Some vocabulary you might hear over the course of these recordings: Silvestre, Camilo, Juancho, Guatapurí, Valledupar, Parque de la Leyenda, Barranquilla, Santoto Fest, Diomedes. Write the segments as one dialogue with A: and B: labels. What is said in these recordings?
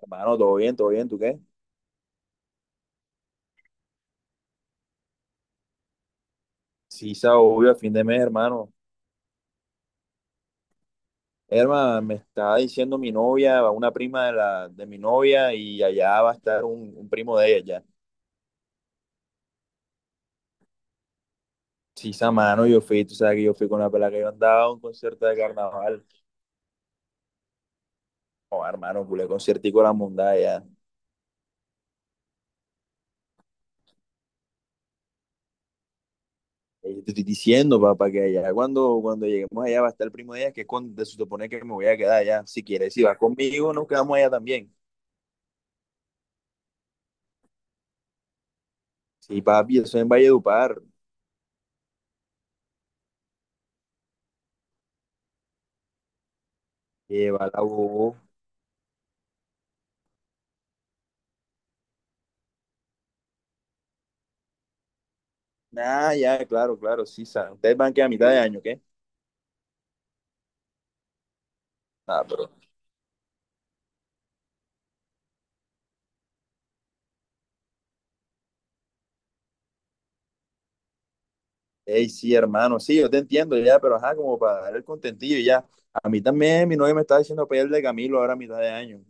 A: Hermano, todo bien, ¿tú qué? Sí, obvio, a fin de mes, hermano. Hermano, me está diciendo mi novia, una prima de la de mi novia, y allá va a estar un primo de ella ya. Sí, mano, yo fui, tú sabes que yo fui con la pela que yo andaba a un concierto de carnaval. Oh, hermano, culé conciertico la mundada allá. Te estoy diciendo, papá, que allá cuando lleguemos allá va a estar el primo de ella, que es cuando se supone que me voy a quedar allá. Si quieres, si vas conmigo, nos quedamos allá también. Sí, papi, eso es en Valledupar. Llévala. Ah, ya, claro, claro, sí, ustedes van que a mitad de año, ¿qué? Ah, pero… Ey, sí, hermano, sí, yo te entiendo ya, pero ajá, como para dar el contentillo y ya. A mí también, mi novia me está diciendo para ir al de Camilo ahora a mitad de año.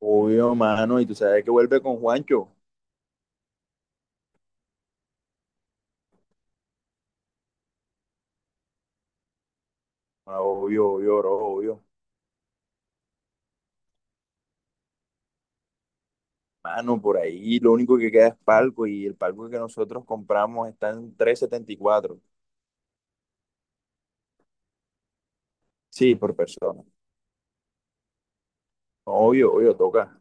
A: Obvio, mano, y tú sabes que vuelve con Juancho. Ah, obvio, obvio, bro, obvio. Mano, por ahí lo único que queda es palco y el palco que nosotros compramos está en 374. Sí, por persona. Obvio, obvio, toca.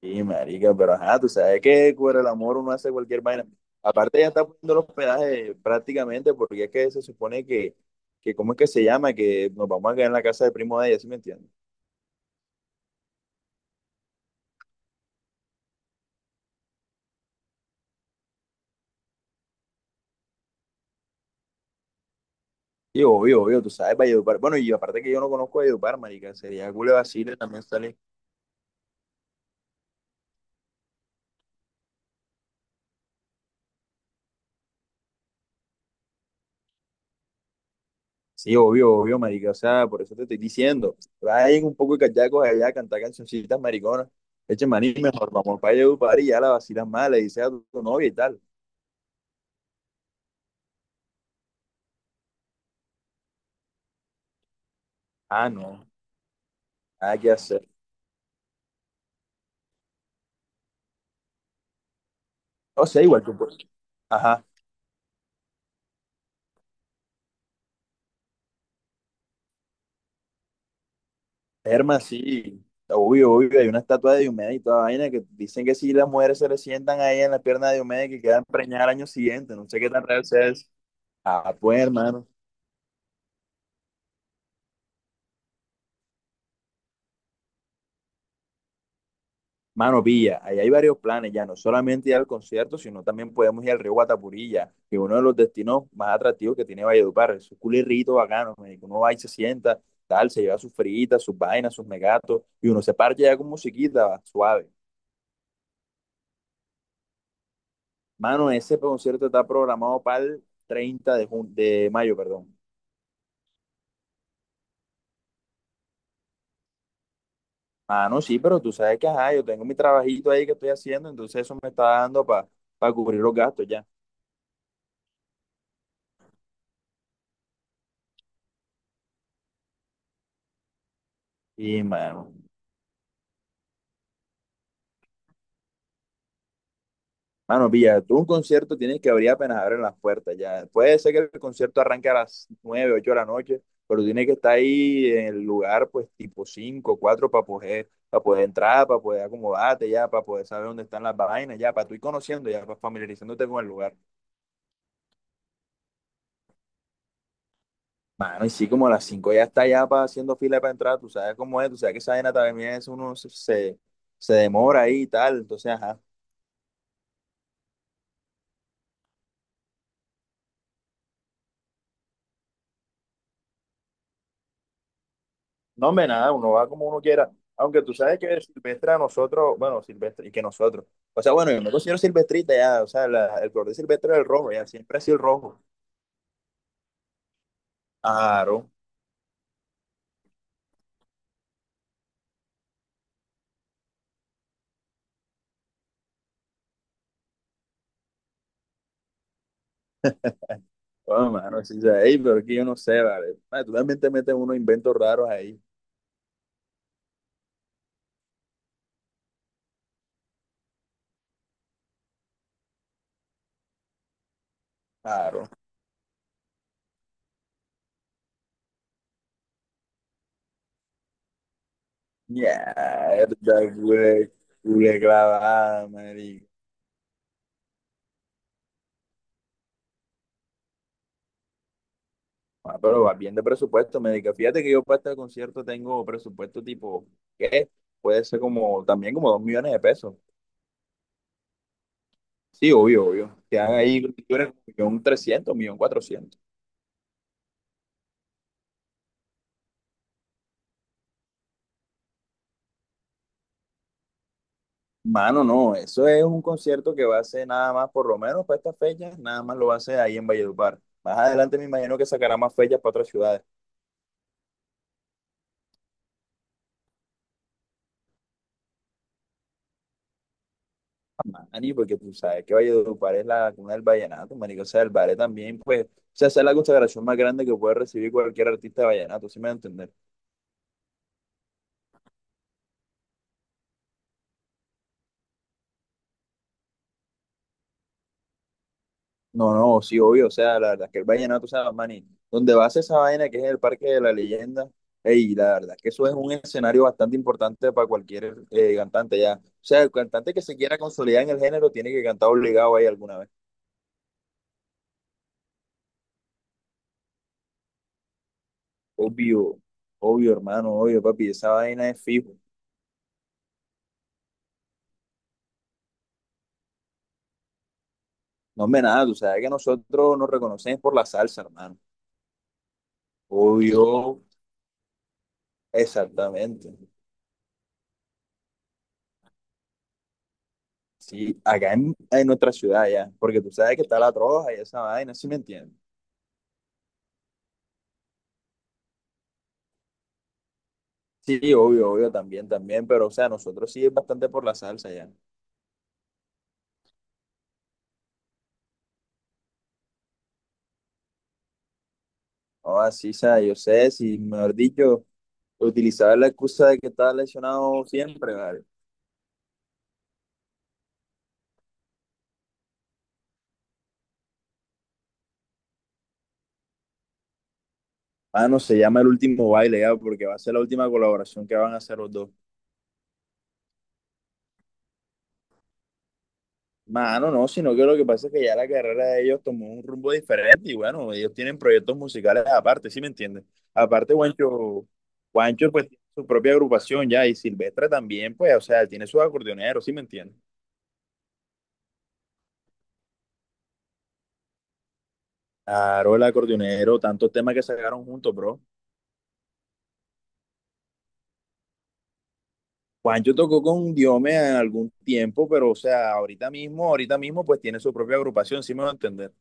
A: Sí, marica, pero ajá, tú sabes que por el amor uno hace cualquier vaina. Aparte, ya está poniendo los pedajes prácticamente, porque es que se supone ¿cómo es que se llama? Que nos vamos a quedar en la casa del primo de ella, ¿sí me entiendes? Y obvio, obvio, tú sabes, Valledupar. Bueno, y aparte que yo no conozco Valledupar, marica, sería culo de vacile también sale. Sí, obvio, obvio, marica, o sea, por eso te estoy diciendo. Vayan un poco de cachacos allá a cantar cancioncitas mariconas. Eche maní, mejor vamos para Valledupar y ya la vacilas mal, le dices a tu novia y tal. Ah, no, nada que hacer. O sea, igual que por… Ajá. Herma, sí. Obvio, obvio, hay una estatua de Diomedes y toda vaina que dicen que si las mujeres se le sientan ahí en la pierna de Diomedes que quedan preñadas al año siguiente, no sé qué tan real sea eso. Ah, pues, hermano. Mano, pilla, ahí hay varios planes ya, no solamente ir al concierto, sino también podemos ir al río Guatapurí, ya, que es uno de los destinos más atractivos que tiene Valledupar. Es un culirrito bacano, marico. Uno va y se sienta, tal, se lleva sus fritas, sus vainas, sus megatos, y uno se parcha ya con musiquita, va, suave. Mano, ese concierto está programado para el 30 de de mayo, perdón. Ah, no, sí, pero tú sabes que, ajá, yo tengo mi trabajito ahí que estoy haciendo, entonces eso me está dando para cubrir los gastos ya. Y, mano, mano, pilla, tú un concierto tienes que abrir apenas abren las puertas ya. Puede ser que el concierto arranque a las 9, 8 de la noche, pero tienes que estar ahí en el lugar, pues, tipo 5, 4 para poder entrar, para poder acomodarte ya, para poder saber dónde están las vainas ya, para tú ir conociendo ya, para familiarizándote con el lugar. Mano, y sí, como a las 5 ya está ya haciendo fila para entrar, tú sabes cómo es, tú sabes que esa vaina también es, uno se, se se demora ahí y tal, entonces, ajá. No, hombre, nada, uno va como uno quiera, aunque tú sabes que Silvestre a nosotros, bueno, Silvestre, y que nosotros, o sea, bueno, yo me considero silvestrita ya, o sea, el color de Silvestre es el rojo, ya, siempre ha sido el rojo. Claro, bueno, mano, sí, o sea, ey, pero es que yo no sé, vale, mano, tú también te metes unos inventos raros ahí, claro. Mierda, güey, culé clavada. Ah, pero vas bien de presupuesto, médica. Fíjate que yo para este concierto tengo presupuesto tipo, ¿qué? Puede ser como, también como 2 millones de pesos. Sí, obvio, obvio. Te dan ahí un 300, 1.400.000. Mano, no, eso es un concierto que va a ser nada más, por lo menos para estas fechas, nada más lo va a hacer ahí en Valledupar. Más adelante me imagino que sacará más fechas para otras ciudades. Ah, Mani, porque tú sabes que Valledupar es la cuna del vallenato, marico. O sea, el ballet también, pues, o sea, esa es la consagración más grande que puede recibir cualquier artista de vallenato, ¿sí me entiendes? No, no, sí, obvio, o sea, la verdad es que el vallenato, o sea, Manny, donde vas a ser esa vaina que es el Parque de la Leyenda, y la verdad es que eso es un escenario bastante importante para cualquier cantante ya. O sea, el cantante que se quiera consolidar en el género tiene que cantar obligado ahí alguna vez. Obvio, obvio, hermano, obvio, papi, esa vaina es fijo. No me nada, tú sabes que nosotros nos reconocemos por la salsa, hermano. Obvio, exactamente. Sí, acá en nuestra ciudad ya, porque tú sabes que está la troja y esa vaina, ¿sí me entiendes? Sí, obvio, obvio, también, también, pero o sea, nosotros sí es bastante por la salsa ya. Ah, así o sea, yo sé, si mejor dicho, utilizaba la excusa de que estaba lesionado siempre, ¿vale? Mano, se llama El Último Baile ya, porque va a ser la última colaboración que van a hacer los dos. Mano, no, sino que lo que pasa es que ya la carrera de ellos tomó un rumbo diferente y bueno, ellos tienen proyectos musicales aparte, ¿sí me entiendes? Aparte, Juancho. Juancho pues tiene su propia agrupación ya y Silvestre también, pues, o sea, tiene sus acordeoneros, ¿sí me entiendes? Claro, el acordeonero, tantos temas que sacaron juntos, bro. Juancho tocó con Diome en algún tiempo, pero o sea, ahorita mismo, pues tiene su propia agrupación, sí me va a entender.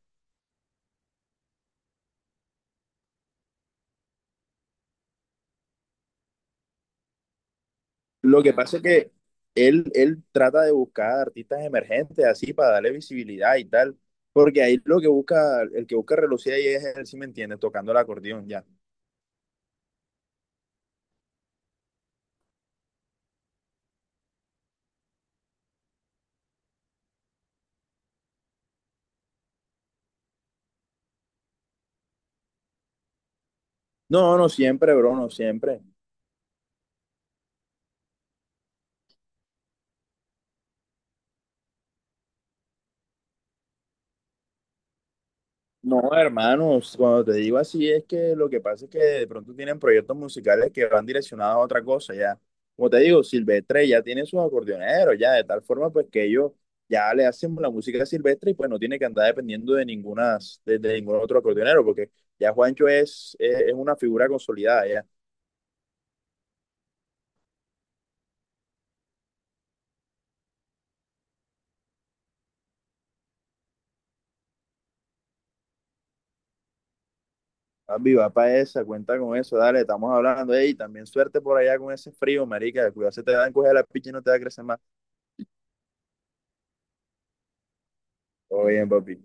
A: Lo que pasa es que él trata de buscar artistas emergentes así para darle visibilidad y tal, porque ahí lo que busca, el que busca relucir ahí es él, sí me entiendes, tocando el acordeón ya. No, no siempre, bro, no siempre. No, hermanos, cuando te digo así es que lo que pasa es que de pronto tienen proyectos musicales que van direccionados a otra cosa, ya. Como te digo, Silvestre ya tiene sus acordeoneros, ya, de tal forma pues que ellos ya le hacen la música a Silvestre y pues no tiene que andar dependiendo de ninguna, de ningún otro acordeonero, porque ya Juancho es una figura consolidada, ya. Papi, va para esa, cuenta con eso, dale, estamos hablando, ey, también suerte por allá con ese frío, marica, cuidado se te dan coger la picha y no te va a crecer más. Todo bien, papi.